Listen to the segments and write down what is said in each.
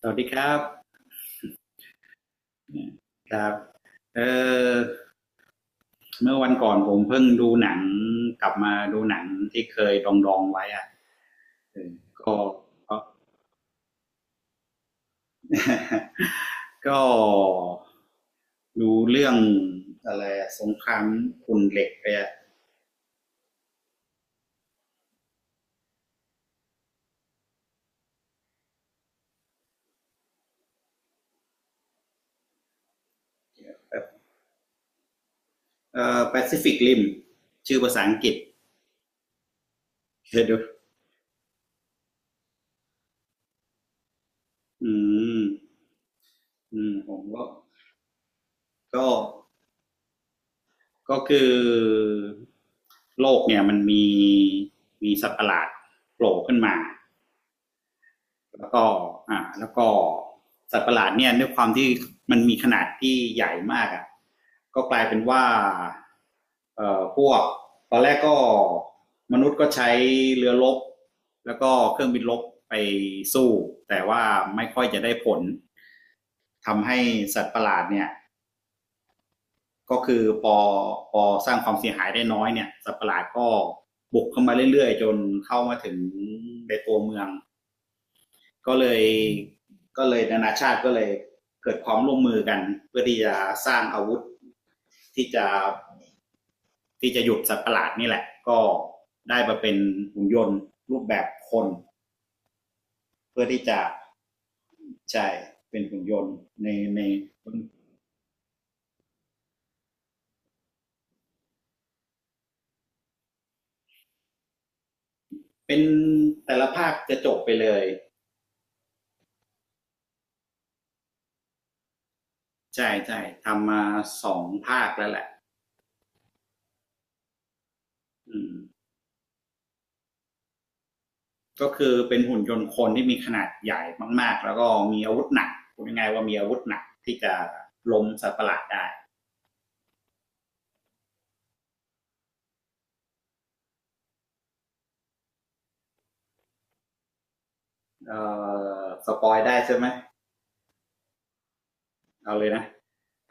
สวัสดีครับครับเออเมื่อวันก่อนผมเพิ่งดูหนังกลับมาดูหนังที่เคยดองไว้อะเออก็ก็ก็ดูเรื่องอะไรอะสงครามขุ่นเหล็กไปอะแปซิฟิกริมชื่อภาษาอังกฤษเคยดูอืมผมก็ก็ก็คือโลกเนี่ยมันมีสัตว์ประหลาดโผล่ขึ้นมา แล้วก็แล้วก็สัตว์ประหลาดเนี่ยด้วยความที่มันมีขนาดที่ใหญ่มากอ่ะก็กลายเป็นว่าพวกตอนแรกก็มนุษย์ก็ใช้เรือรบแล้วก็เครื่องบินรบไปสู้แต่ว่าไม่ค่อยจะได้ผลทำให้สัตว์ประหลาดเนี่ยก็คือพอสร้างความเสียหายได้น้อยเนี่ยสัตว์ประหลาดก็บุกเข้ามาเรื่อยๆจนเข้ามาถึงในตัวเมือง ก็เลยก็เลยนานาชาติก็เลยเกิดความร่วมมือกันเพื่อที่จะสร้างอาวุธที่จะที่จะหยุดสัตว์ประหลาดนี่แหละก็ได้มาเป็นหุ่นยนต์รูปแบบคนเพื่อที่จะใช่เป็นหุ่นยนต์ในในเป็นแต่ละภาคจะจบไปเลยใช่ใช่ทำมาสองภาคแล้วแหละอืมก็คือเป็นหุ่นยนต์คนที่มีขนาดใหญ่มากๆแล้วก็มีอาวุธหนักพูดง่ายๆว่ามีอาวุธหนักที่จะล้มสัตว์ประหลาดได้ เอสปอยได้ใช่ไหมเอาเลยนะ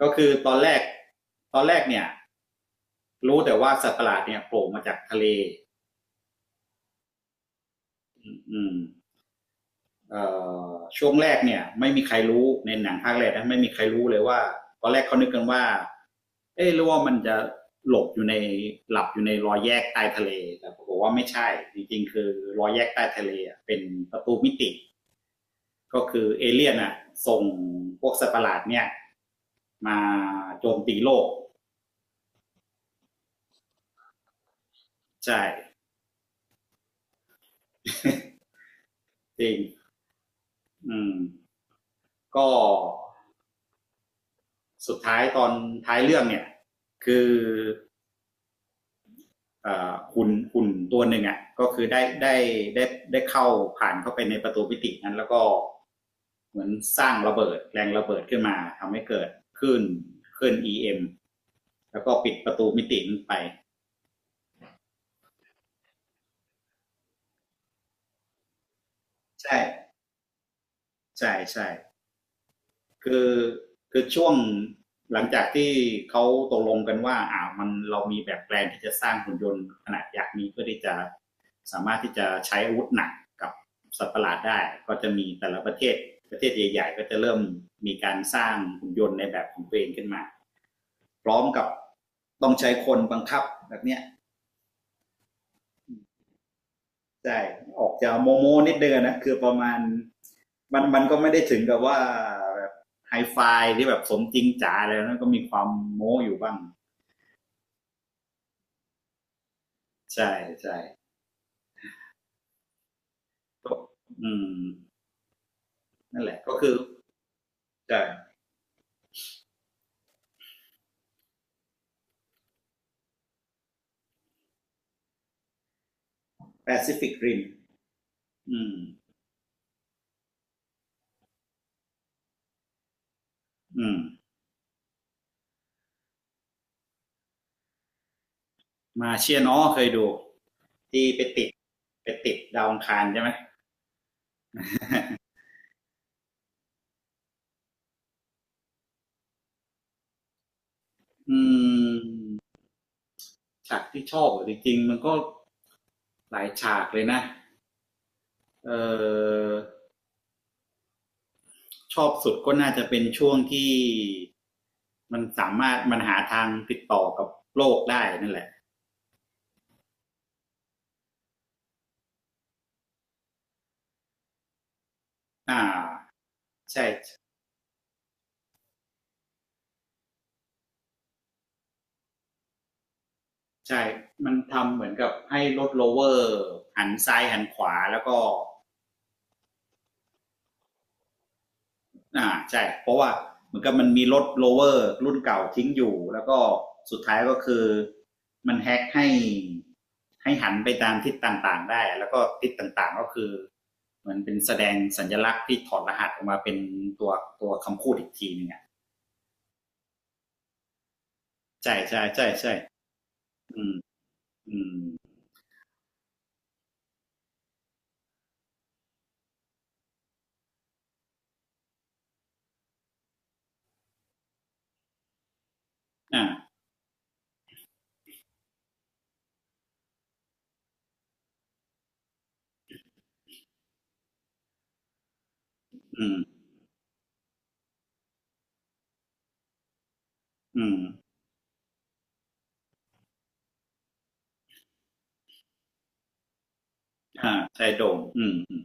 ก็คือตอนแรกตอนแรกเนี่ยรู้แต่ว่าสัตว์ประหลาดเนี่ยโผล่มาจากทะเลอืมเอ่ช่วงแรกเนี่ยไม่มีใครรู้ในหนังภาคแรกนะไม่มีใครรู้เลยว่าตอนแรกเขานึกกันว่าเอ๊ะหรือว่ามันจะหลบอยู่ในหลับอยู่ในรอยแยกใต้ทะเลแต่ปรากฏว่าไม่ใช่จริงๆคือรอยแยกใต้ทะเลเป็นประตูมิติก็คือเอเลี่ยนอ่ะส่งพวกสัตว์ประหลาดเนี่ยมาโจมตีโลกใช่ จริงอืมก็สุดท้ายตอนท้ายเรื่องเนี่ยคืออ่หุ่นตัวหนึ่งอ่ะก็คือได้ได้เข้าผ่านเข้าไปในประตูมิตินั้นแล้วก็เหมือนสร้างระเบิดแรงระเบิดขึ้นมาทำให้เกิดคลื่นคลื่น EM แล้วก็ปิดประตูมิตินันไปใช่ใช่ใช่ คือคือช่วงหลังจากที่เขาตกลงกันว่ามันเรามีแบบแปลนที่จะสร้างหุ่นยนต์ขนาดยักษ์นี้เพื่อที่จะสามารถที่จะใช้อาวุธหนักกับสัตว์ประหลาดได้ก็จะมีแต่ละประเทศประเทศใหญ่ๆก็จะเริ่มมีการสร้างหุ่นยนต์ในแบบของตัวเองขึ้นมาพร้อมกับต้องใช้คนบังคับแบบเนี้ยใช่ออกจะโมโมนิดเดียวนะคือประมาณมันก็ไม่ได้ถึงกับว่าแบบไฮไฟที่แบบสมจริงจ๋าแล้วนะก็มีความโม้อยู่บ้าง ใช่ใช่ก็อืมนั่นแหละก็คือใช่แปซิฟิกริมอืมอืมมาเชียร์เนอ๋อเคยดูที่ไปติดไปติดดาวอังคารใช่ไหมอืมฉากที่ชอบอะจริงๆมันก็หลายฉากเลยนะเออชอบสุดก็น่าจะเป็นช่วงที่มันหาทางติดต่อกับโลกได้นั่นแหละอ่าใช่ ใช่ มันทำเหมือนกับให้รถโลเวอร์หันซ้ายหันขวาแล้วก็ใช่เพราะว่าเหมือนกับมันมีรถโลเวอร์รุ่นเก่าทิ้งอยู่แล้วก็สุดท้ายก็คือมันแฮ็กให้หันไปตามทิศต่างๆได้แล้วก็ทิศต่างๆก็คือเหมือนเป็นแสดงสัญลักษณ์ที่ถอดรหัสออกมาเป็นตัวตัวคำพูดอีกทีหนึงอ่ะใช่ใช่ใช่ใช่อืมอืมอ่าอืมอืมใช่โดมอืม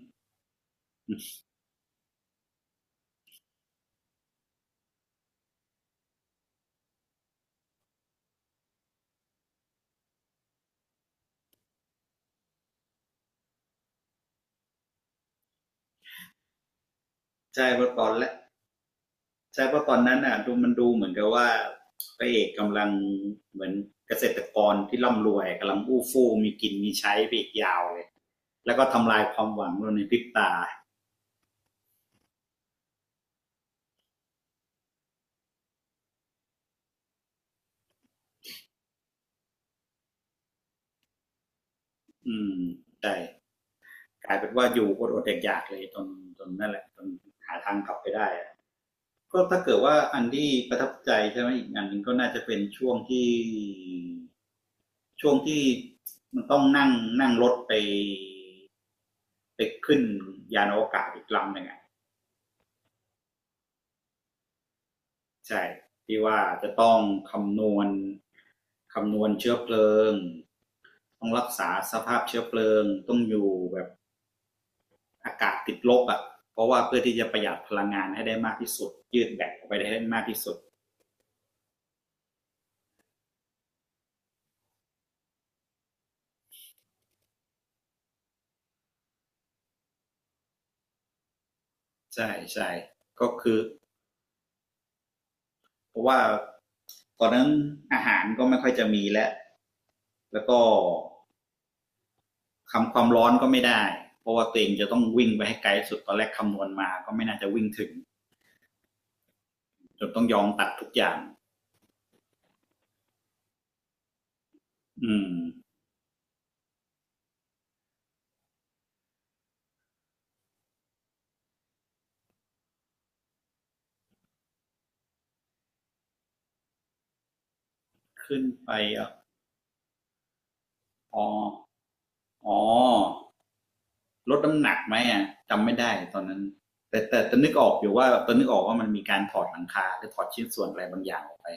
ใช่เมืกอตอนแรก ใช่เพราะตอนนั้นอ่ะดูมันดูเหมือนกับว่าพระเอกกำลังเหมือนเกษตรกรที่ร่ำรวยกำลังอู้ฟู่มีกินมีใช้ไปอีกยาวเลยแล้วก็ทำลายความหวังเราในพริบตาอืมใช่กลายเป็นว่าอยู่อดๆอยากๆเลยจนนั่นแหละจนหาทางกลับไปได้ก็ถ้าเกิดว่าอันที่ประทับใจใช่ไหมอีกอันหนึ่งก็น่าจะเป็นช่วงที่ช่วงที่มันต้องนั่งนั่งรถไปไปขึ้นยานอวกาศอีกลำหนึ่ง ใช่ที่ว่าจะต้องคำนวณคำนวณเชื้อเพลิงต้องรักษาสภาพเชื้อเพลิงต้องอยู่แบบอากาศติดลบอ่ะเพราะว่าเพื่อที่จะประหยัดพลังงานให้ได้มากที่สุดยืดแบตออกไปได้มากที่สุดใช่ใช่ก็คือเพราะว่าตอนนั้นอาหารก็ไม่ค่อยจะมีแล้วแล้วก็คำความร้อนก็ไม่ได้เพราะว่าตัวเองจะต้องวิ่งไปให้ไกลสุดตอนแรกคำนวณมาก็ไม่น่าจะวิ่งถึงจนต้องยอมตัดทุกอย่างอืมขึ้นไปอ่ะ อ๋ออ๋อลดน้ำหนักไหมอ่ะจำไม่ได้ตอนนั้นแต่อนนึกออกอยู่ว่าตอนนึกออกว่ามันมีการถอดหลังคาหรือถอดชิ้นส่วนอะไรบางอย่างออกไป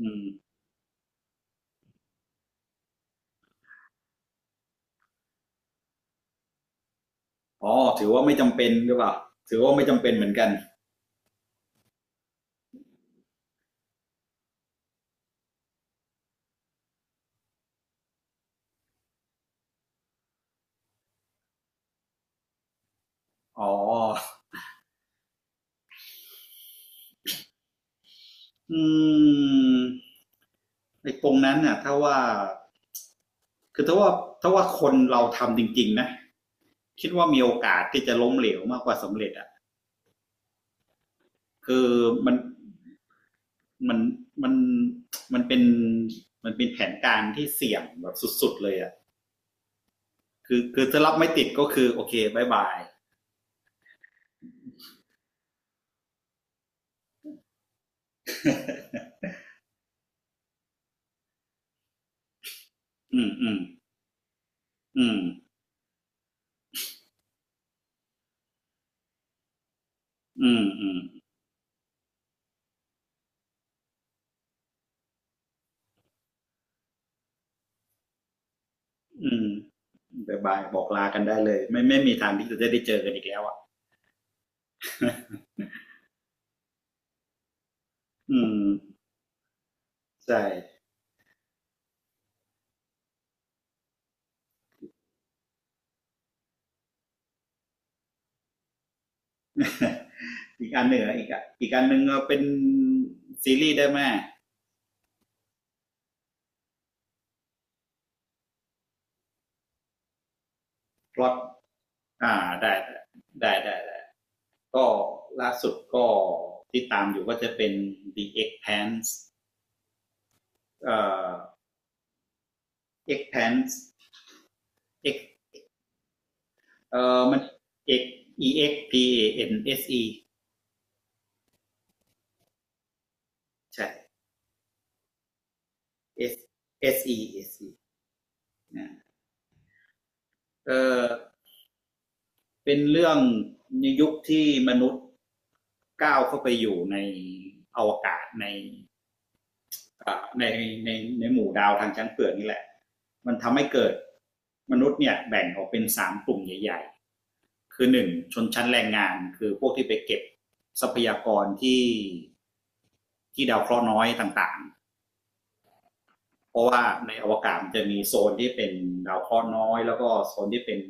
อืมอ๋อถือว่าไม่จำเป็นหรือเปล่าถือว่าไม่จำเป็นเหมือนกันอ๋ออืมไอ้ตรงนั้นน่ะถ้าว่าคือถ้าว่าถ้าว่าคนเราทำจริงๆนะคิดว่ามีโอกาสที่จะล้มเหลวมากกว่าสำเร็จอ่ะคือมัน มันมันมันเป็นแผนการที่เสี่ยงแบบสุดๆเลยอ่ะคือถ้ารับไม่ติดก็คือโอเคบายบาย อืมอืมอืมอืมอืมอืมบายบายบอกลากันได้เลยไม่มีทางที่จะได้เจอกันอีกแล้วอ่ะอืมใช่ อีกอันหนึ่งอะอีกอันหนึ่งเอาเป็นซีรีส์ได้ไหมพล็อตอ่าได้ได้ได้ได้ได้ก็ล่าสุดก็ที่ตามอยู่ก็จะเป็น The Expanse เอ่อ expand x มัน x e x p a n s e ใช่ s s e s e เอ่อเป็นเรื่องในยุคที่มนุษย์ก้าวเข้าไปอยู่ในอวกาศในในในในหมู่ดาวทางช้างเผือกนี่แหละมันทำให้เกิดมนุษย์เนี่ยแบ่งออกเป็นสามกลุ่มใหญ่ๆ คือหนึ่งชนชั้นแรงงานคือพวกที่ไปเก็บทรัพยากรที่ดาวเคราะห์น้อยต่างๆเพราะว่าในอวกาศจะมีโซนที่เป็นดาวเคราะห์น้อยแล้วก็โซนที่เป็น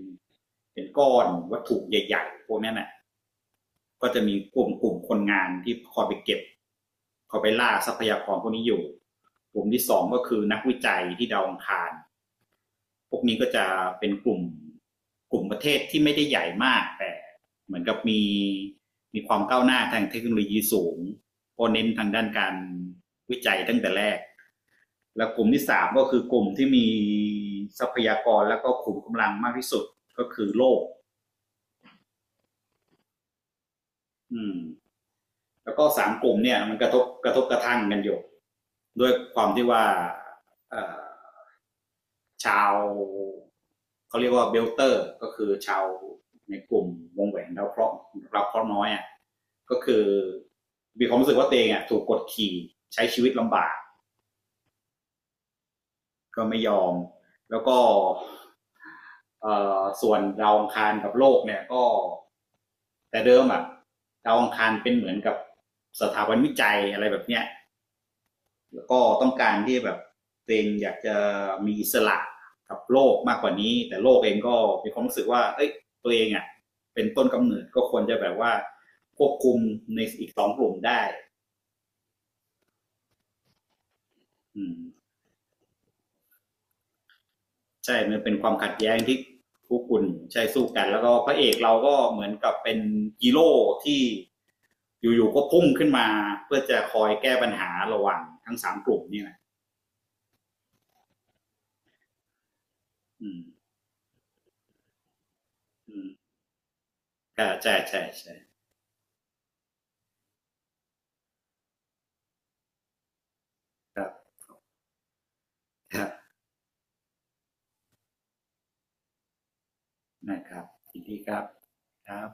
เป็นก้อนวัตถุใหญ่ๆพวกนั้นน่ะก็จะมีกลุ่มคนงานที่คอยไปเก็บคอยไปล่าทรัพยากรพวกนี้อยู่กลุ่มที่สองก็คือนักวิจัยที่ดาวอังคาร พวกนี้ก็จะเป็นกลุ่มกลุ่มประเทศที่ไม่ได้ใหญ่มากแต่เหมือนกับมีความก้าวหน้าทางเทคโนโลยีสูงเพราะเน้นทางด้านการวิจัยตั้งแต่แรกแล้วกลุ่มที่สามก็คือกลุ่มที่มีทรัพยากรแล้วก็ขุมกำลังมากที่สุดก็คือโลกอืมแล้วก็สามกลุ่มเนี่ยมันกระทั่งกันอยู่ด้วยความที่ว่าเอ่อ ชาวเขาเรียกว่าเบลเตอร์ก็คือชาวในกลุ่มวงแหวนดาวเคราะห์าเคราะห์น้อยอ่ะก็คือมีความรู้สึกว่าตัวเองอ่ะถูกกดขี่ใช้ชีวิตลำบากก็ไม่ยอมแล้วก็เออส่วนดาวอังคารกับโลกเนี่ยก็แต่เดิมอ่ะดาวอังคารเป็นเหมือนกับสถาบันวิจัยอะไรแบบเนี้ย ก็ต้องการที่แบบตัวเองอยากจะมีอิสระกับโลกมากกว่านี้แต่โลกเองก็มีความรู้สึกว่าเอ้ยตัวเองอ่ะเป็นต้นกำเนิดก็ควรจะแบบว่าควบคุมในอีกสองกลุ่มได้อืมใช่มันเป็นความขัดแย้งที่คู่คุณใช่สู้กันแล้วก็พระเอกเราก็เหมือนกับเป็นฮีโร่ที่อยู่ๆก็พุ่งขึ้นมาเพื่อจะคอยแก้ปัญหาระหว่างทั้งสามกลุ่มนี่แหละอืมอืมก็ใช่ใช่ใช่ครับครับนะครับทีนี้ครับ ครับ